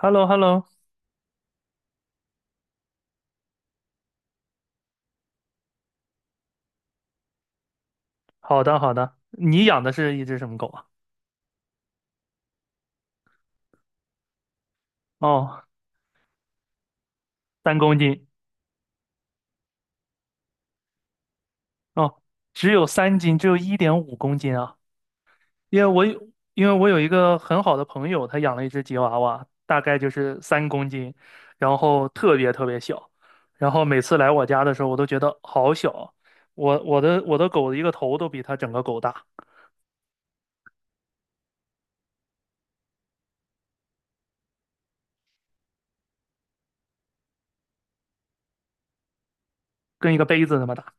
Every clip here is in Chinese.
h e l l o h e l l o 好的好的。你养的是一只什么狗啊？哦，三公斤。哦，只有3斤，只有一点五公斤啊。因为我有一个很好的朋友，他养了一只吉娃娃，大概就是三公斤，然后特别特别小，然后每次来我家的时候，我都觉得好小啊。我的狗的一个头都比它整个狗大，跟一个杯子那么大。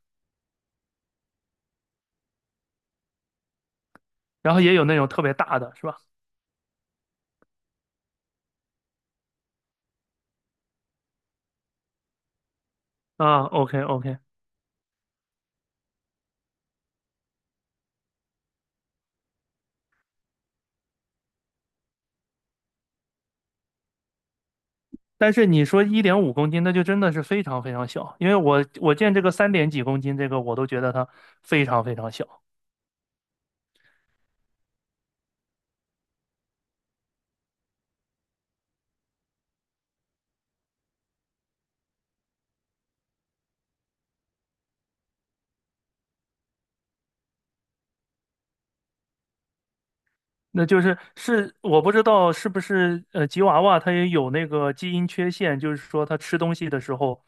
然后也有那种特别大的，是吧？啊，OK OK。但是你说一点五公斤，那就真的是非常非常小，因为我见这个三点几公斤，这个我都觉得它非常非常小。那就是我不知道是不是吉娃娃它也有那个基因缺陷，就是说它吃东西的时候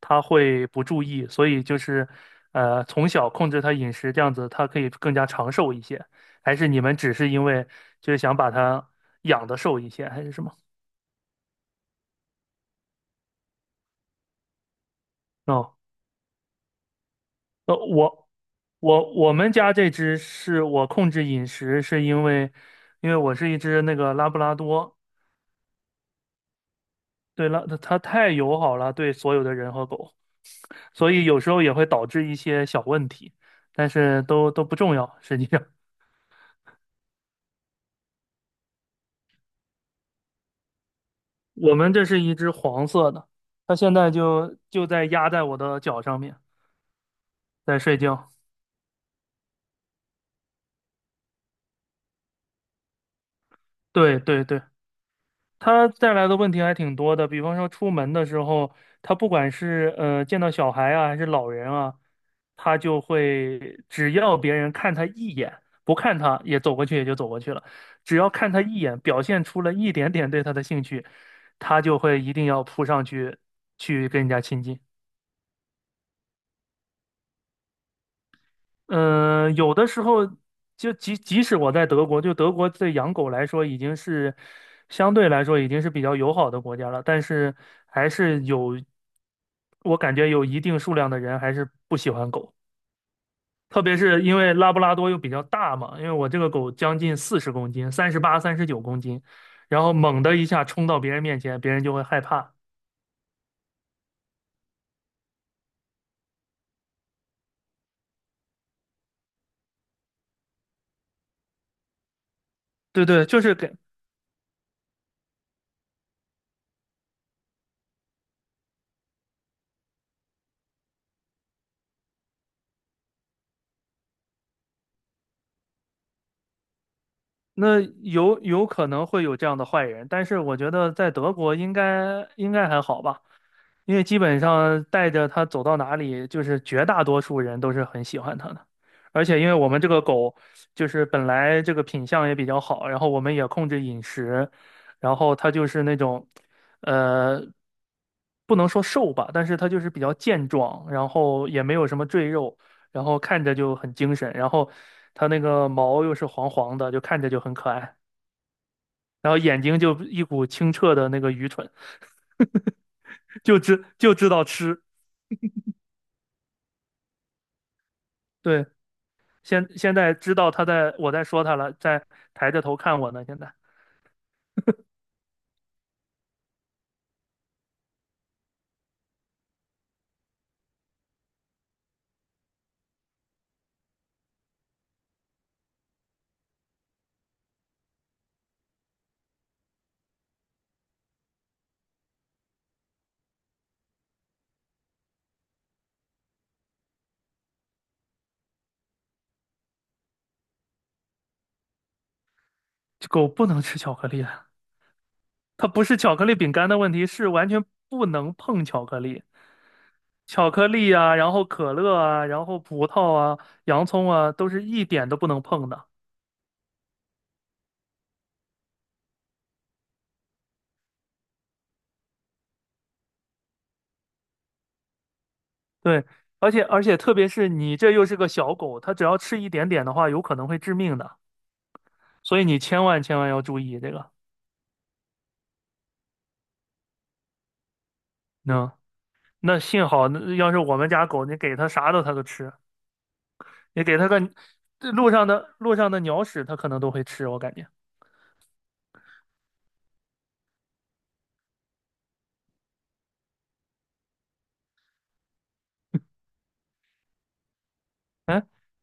它会不注意，所以就是从小控制它饮食这样子，它可以更加长寿一些。还是你们只是因为就是想把它养的瘦一些，还是什么？哦，呃，我我们家这只是我控制饮食，是因为因为我是一只那个拉布拉多，对,它太友好了，对所有的人和狗，所以有时候也会导致一些小问题，但是都不重要。实际上，我们这是一只黄色的，它现在就在压在我的脚上面，在睡觉。对对对。他带来的问题还挺多的，比方说出门的时候，他不管是见到小孩啊，还是老人啊，他就会只要别人看他一眼，不看他也走过去也就走过去了，只要看他一眼，表现出了一点点对他的兴趣，他就会一定要扑上去去跟人家亲近。嗯，有的时候就即使我在德国，就德国对养狗来说已经是相对来说已经是比较友好的国家了，但是还是有，我感觉有一定数量的人还是不喜欢狗，特别是因为拉布拉多又比较大嘛，因为我这个狗将近40公斤，38、39公斤，然后猛地一下冲到别人面前，别人就会害怕。对对，就是给。那有可能会有这样的坏人，但是我觉得在德国应该还好吧。因为基本上带着它走到哪里，就是绝大多数人都是很喜欢它的。而且因为我们这个狗就是本来这个品相也比较好，然后我们也控制饮食，然后它就是那种，呃，不能说瘦吧，但是它就是比较健壮，然后也没有什么赘肉，然后看着就很精神，然后它那个毛又是黄黄的，就看着就很可爱，然后眼睛就一股清澈的那个愚蠢，就知道吃。对。现在知道他在我在说他了，在抬着头看我呢。现在狗不能吃巧克力的，它不是巧克力饼干的问题，是完全不能碰巧克力。巧克力啊，然后可乐啊，然后葡萄啊，洋葱啊，都是一点都不能碰的。对，而且特别是你这又是个小狗，它只要吃一点点的话，有可能会致命的。所以你千万千万要注意这个。嗯，那幸好，那要是我们家狗，你给它啥的它都吃。你给它个路上的鸟屎，它可能都会吃，我感觉。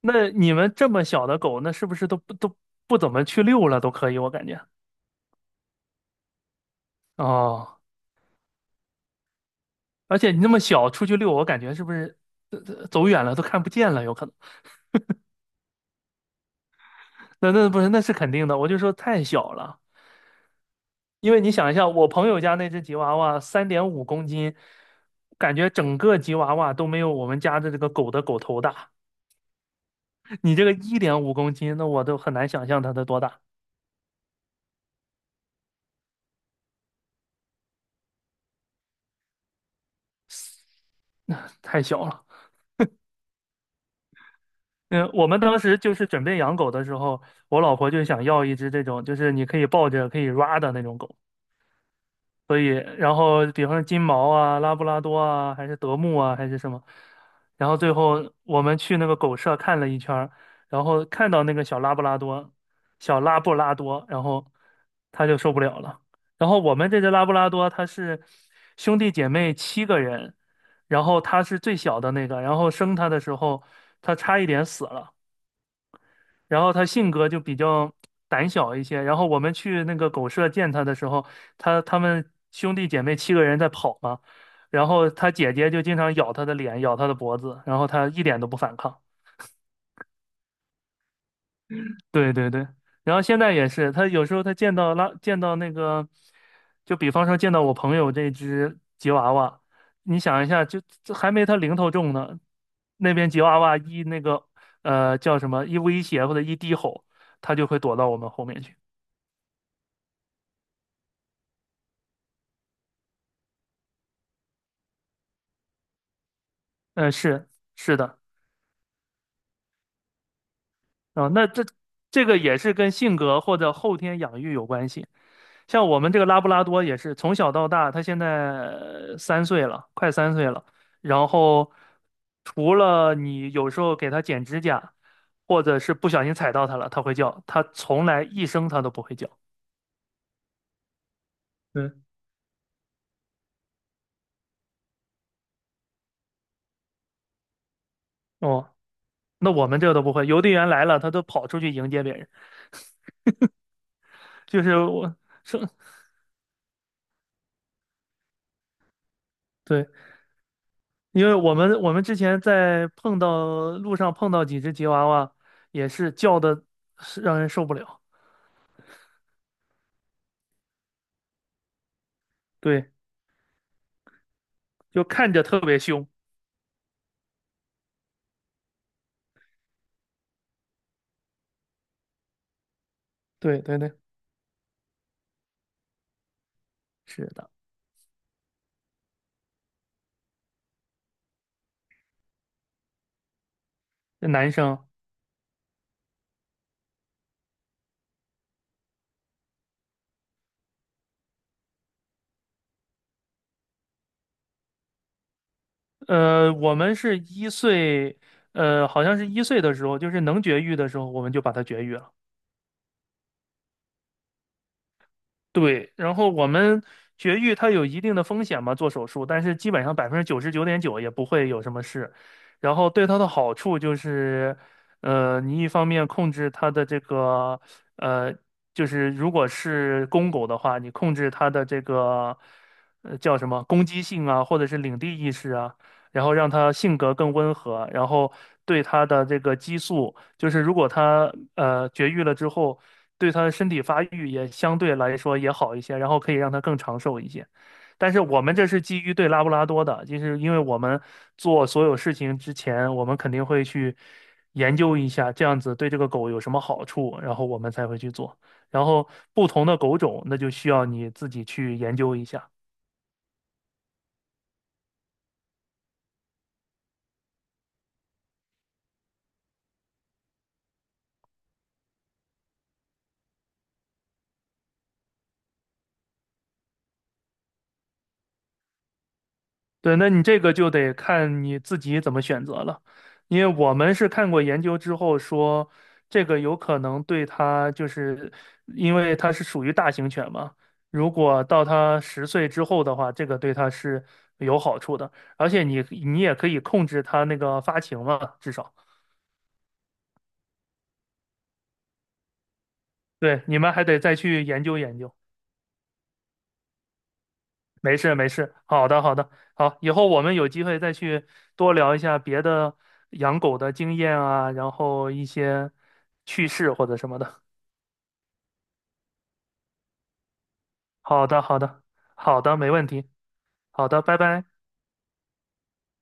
那你们这么小的狗，那是不是都不怎么去遛了？都可以，我感觉。哦，而且你那么小出去遛，我感觉是不是走远了都看不见了？有可能。那不是，那是肯定的。我就说太小了，因为你想一下，我朋友家那只吉娃娃3.5公斤，感觉整个吉娃娃都没有我们家的这个狗的狗头大。你这个一点五公斤，那我都很难想象它的多大，太小了。嗯，我们当时就是准备养狗的时候，我老婆就想要一只这种，就是你可以抱着可以 ra 的那种狗。所以，然后比方说金毛啊、拉布拉多啊，还是德牧啊，还是什么。然后最后我们去那个狗舍看了一圈儿然后看到那个小拉布拉多，然后他就受不了了。然后我们这只拉布拉多，它是兄弟姐妹七个人，然后它是最小的那个，然后生它的时候，它差一点死了。然后他性格就比较胆小一些。然后我们去那个狗舍见他的时候，他们兄弟姐妹七个人在跑嘛，然后他姐姐就经常咬他的脸，咬他的脖子，然后他一点都不反抗。对对对，然后现在也是，他有时候见到见到那个，就比方说见到我朋友这只吉娃娃，你想一下，就这还没他零头重呢，那边吉娃娃一那个叫什么一威胁或者一低吼，他就会躲到我们后面去。嗯，是的，啊、那这个也是跟性格或者后天养育有关系。像我们这个拉布拉多也是从小到大，它现在三岁了，快三岁了。然后除了你有时候给它剪指甲，或者是不小心踩到它了，它会叫，它从来一声它都不会叫。嗯，哦，那我们这个都不会，邮递员来了，它都跑出去迎接别人，就是我说对。因为我们之前在碰到路上碰到几只吉娃娃，也是叫的让人受不了，对，就看着特别凶，对对对，是的，男生，我们是一岁，好像是一岁的时候，就是能绝育的时候，我们就把它绝育了。对，然后我们绝育它有一定的风险嘛，做手术，但是基本上99.9%也不会有什么事。然后对它的好处就是，你一方面控制它的这个，呃，就是如果是公狗的话，你控制它的这个，叫什么攻击性啊，或者是领地意识啊，然后让它性格更温和，然后对它的这个激素，就是如果它绝育了之后。对他的身体发育也相对来说也好一些，然后可以让他更长寿一些。但是我们这是基于对拉布拉多的，就是因为我们做所有事情之前，我们肯定会去研究一下这样子对这个狗有什么好处，然后我们才会去做。然后不同的狗种，那就需要你自己去研究一下。对，那你这个就得看你自己怎么选择了，因为我们是看过研究之后说，这个有可能对它就是，因为它是属于大型犬嘛，如果到它10岁之后的话，这个对它是有好处的，而且你也可以控制它那个发情嘛，至少，对，你们还得再去研究研究。没事没事，好的好的，好，以后我们有机会再去多聊一下别的养狗的经验啊，然后一些趣事或者什么的。好的好的好的，没问题，好的，拜拜。